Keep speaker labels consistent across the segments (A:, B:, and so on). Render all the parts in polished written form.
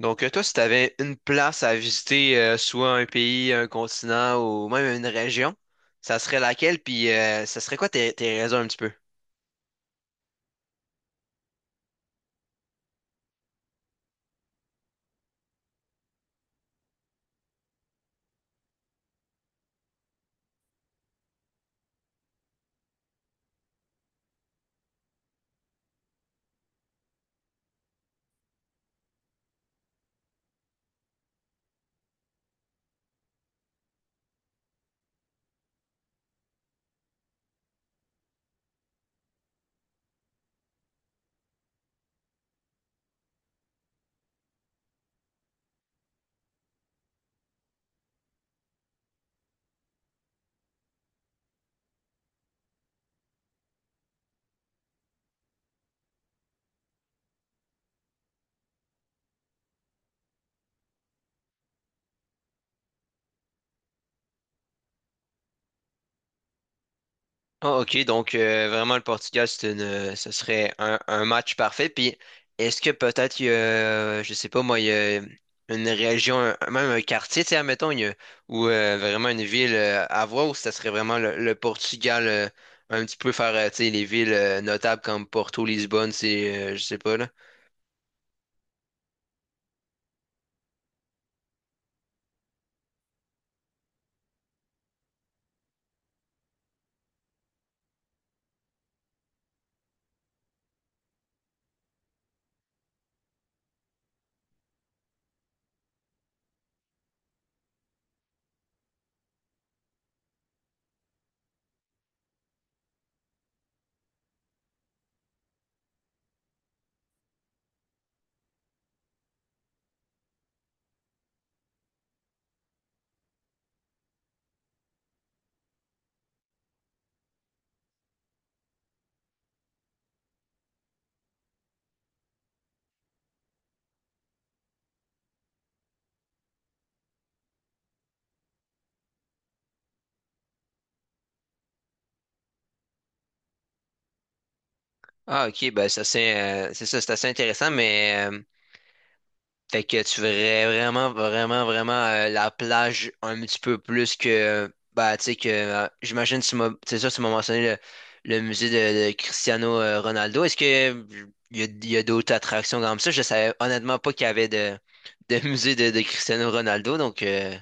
A: Toi, si tu avais une place à visiter, soit un pays, un continent ou même une région, ça serait laquelle? Puis, ça serait quoi tes raisons un petit peu? Ah, ok. Donc, vraiment, le Portugal, c'est ce serait un match parfait. Puis, est-ce que peut-être, je sais pas, moi, il y a une région, même un quartier, tu sais, admettons, il y a- ou vraiment une ville à voir, ou ça serait vraiment le Portugal, un petit peu faire, tu sais, les villes notables comme Porto, Lisbonne, c'est, je sais pas, là. Ah, ok, ben ça c'est ça, c'est assez intéressant, mais fait que tu verrais vraiment la plage un petit peu plus que bah tu sais que j'imagine tu m'as c'est ça, tu m'as mentionné le musée de Cristiano Ronaldo. Est-ce que il y a d'autres attractions comme ça? Je savais honnêtement pas qu'il y avait de, de musée de Cristiano Ronaldo,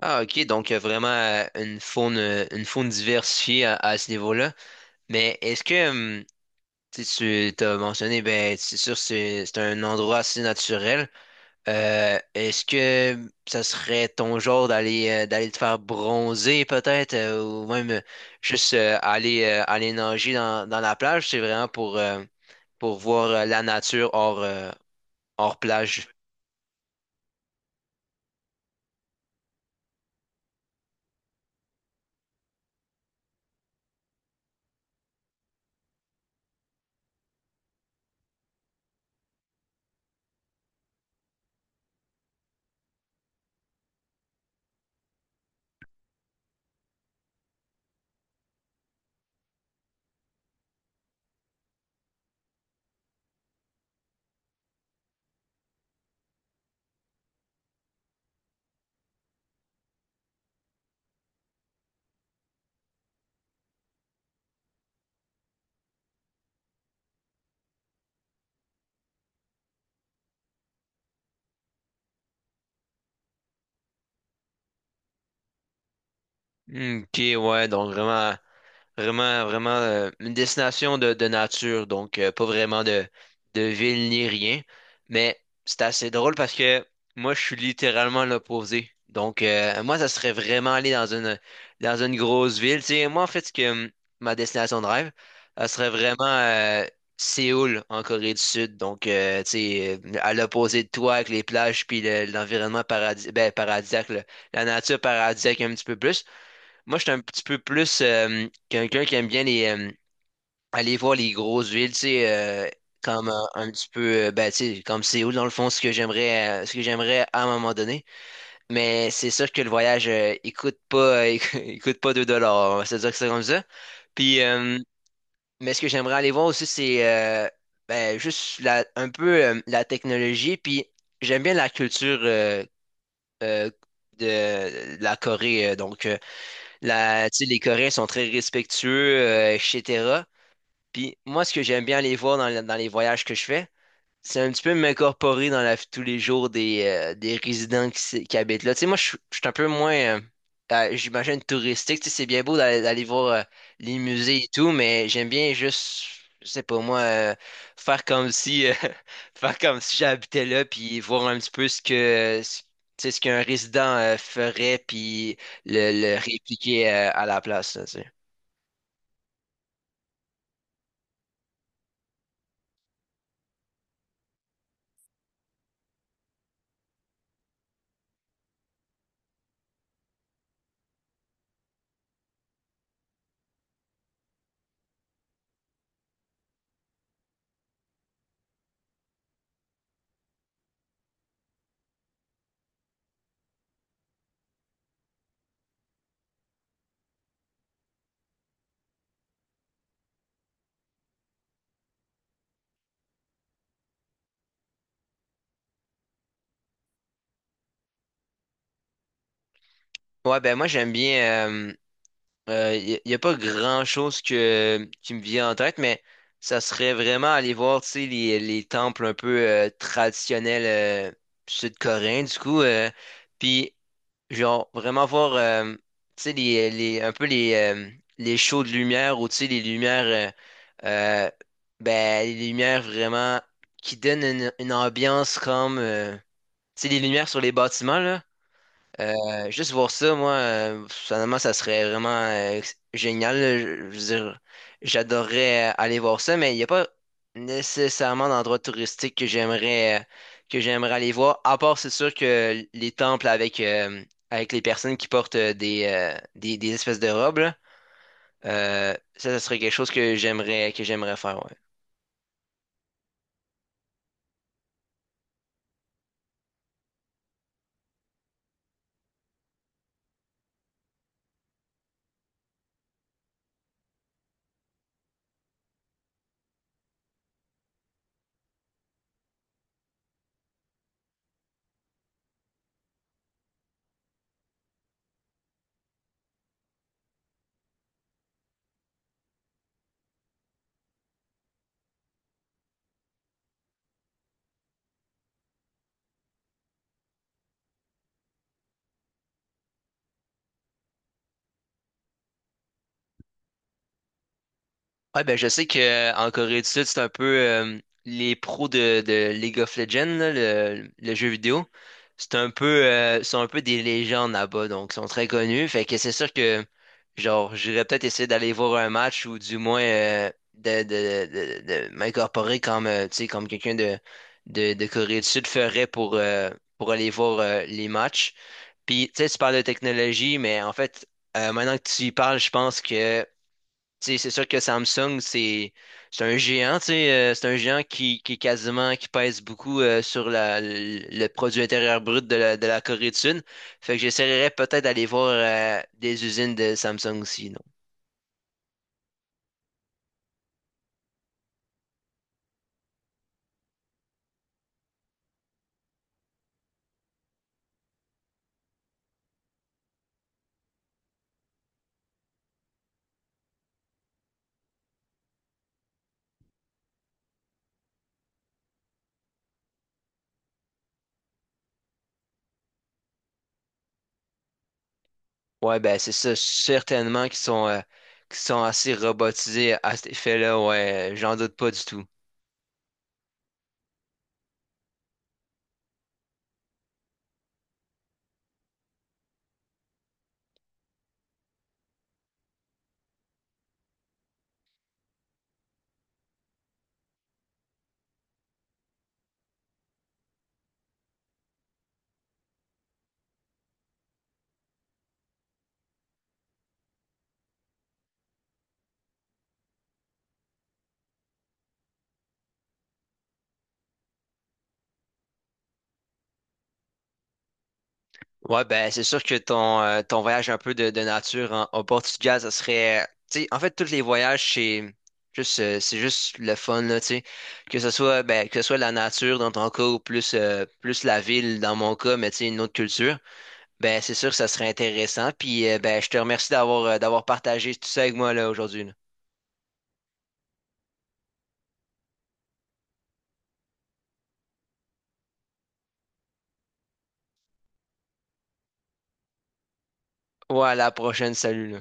A: ah ok, donc vraiment une faune diversifiée à ce niveau-là. Mais est-ce que Si tu t'as mentionné, ben, c'est sûr, c'est un endroit assez naturel. Est-ce que ça serait ton genre d'aller d'aller te faire bronzer peut-être, ou même juste aller aller nager dans la plage? C'est vraiment pour voir la nature hors plage. Ok, ouais, donc vraiment. Vraiment une destination de nature, donc pas vraiment de ville ni rien. Mais c'est assez drôle parce que moi, je suis littéralement l'opposé. Donc, moi, ça serait vraiment aller dans dans une grosse ville. Tu sais, moi, en fait, ce que, ma destination de rêve, ça serait vraiment Séoul, en Corée du Sud. Donc, tu sais, à l'opposé de toi, avec les plages, puis l'environnement paradis, ben, paradisiaque, là, la nature paradisiaque un petit peu plus. Moi, je suis un petit peu plus quelqu'un qui aime bien aller voir les grosses villes, tu sais, comme un petit peu, ben, tu sais, comme Séoul, dans le fond, ce que j'aimerais à un moment donné. Mais c'est sûr que le voyage, il coûte pas, euh, il coûte pas 2 dollars, on va se dire que c'est comme ça. Puis, mais ce que j'aimerais aller voir aussi, c'est ben, juste la, un peu la technologie, puis j'aime bien la culture euh, de la Corée, donc. La, tu sais, les Coréens sont très respectueux, etc. Puis moi, ce que j'aime bien aller voir dans, dans les voyages que je fais, c'est un petit peu m'incorporer dans la vie de tous les jours des résidents qui habitent là. Tu sais, moi, je suis un peu moins, j'imagine, touristique. Tu sais, c'est bien beau d'aller voir les musées et tout, mais j'aime bien juste, je sais pas moi, faire comme si, faire comme si j'habitais là, puis voir un petit peu tu sais, ce qu'un résident ferait, puis le répliquer à la place, là, tu sais. Ouais, ben moi, j'aime bien. Il n'y a pas grand-chose qui me vient en tête, mais ça serait vraiment aller voir, tu sais, les temples un peu traditionnels euh, sud-coréens, du coup. Puis, genre, vraiment voir, tu sais, les, un peu les shows de lumière ou, tu sais, les lumières, euh, ben, les lumières vraiment qui donnent une ambiance comme, tu sais, les lumières sur les bâtiments, là. Juste voir ça, moi, finalement, ça serait vraiment génial. Là. Je veux dire, j'adorerais aller voir ça, mais il n'y a pas nécessairement d'endroit touristique que j'aimerais aller voir. À part, c'est sûr que les temples avec avec les personnes qui portent des, des espèces de robes, là, ça, ça serait quelque chose que j'aimerais faire. Ouais. Ouais, ben je sais que en Corée du Sud, c'est un peu les pros de League of Legends, là, le jeu vidéo. C'est un peu sont un peu des légendes là-bas, donc ils sont très connus. Fait que c'est sûr que genre j'irais peut-être essayer d'aller voir un match ou du moins de m'incorporer comme tu sais comme quelqu'un de Corée du Sud ferait pour aller voir les matchs. Puis tu sais, tu parles de technologie, mais en fait, maintenant que tu y parles, je pense que. Tu sais, c'est sûr que Samsung, c'est un géant, tu sais, c'est un géant qui est quasiment, qui pèse beaucoup sur le produit intérieur brut de la Corée du Sud. Fait que j'essaierais peut-être d'aller voir des usines de Samsung aussi, non? Ouais, ben c'est ça, certainement qu'ils sont assez robotisés à cet effet-là, ouais, j'en doute pas du tout. Ouais, ben c'est sûr que ton, ton voyage un peu de nature en, au Portugal, ça serait. Tu sais, en fait, tous les voyages, c'est juste le fun, là, tu sais. Que ce soit, ben, que ce soit la nature dans ton cas ou plus, plus la ville dans mon cas, mais tu sais, une autre culture, ben c'est sûr que ça serait intéressant. Puis, ben, je te remercie d'avoir d'avoir partagé tout ça avec moi, là, aujourd'hui, là. Ouais, à la prochaine, salut, là.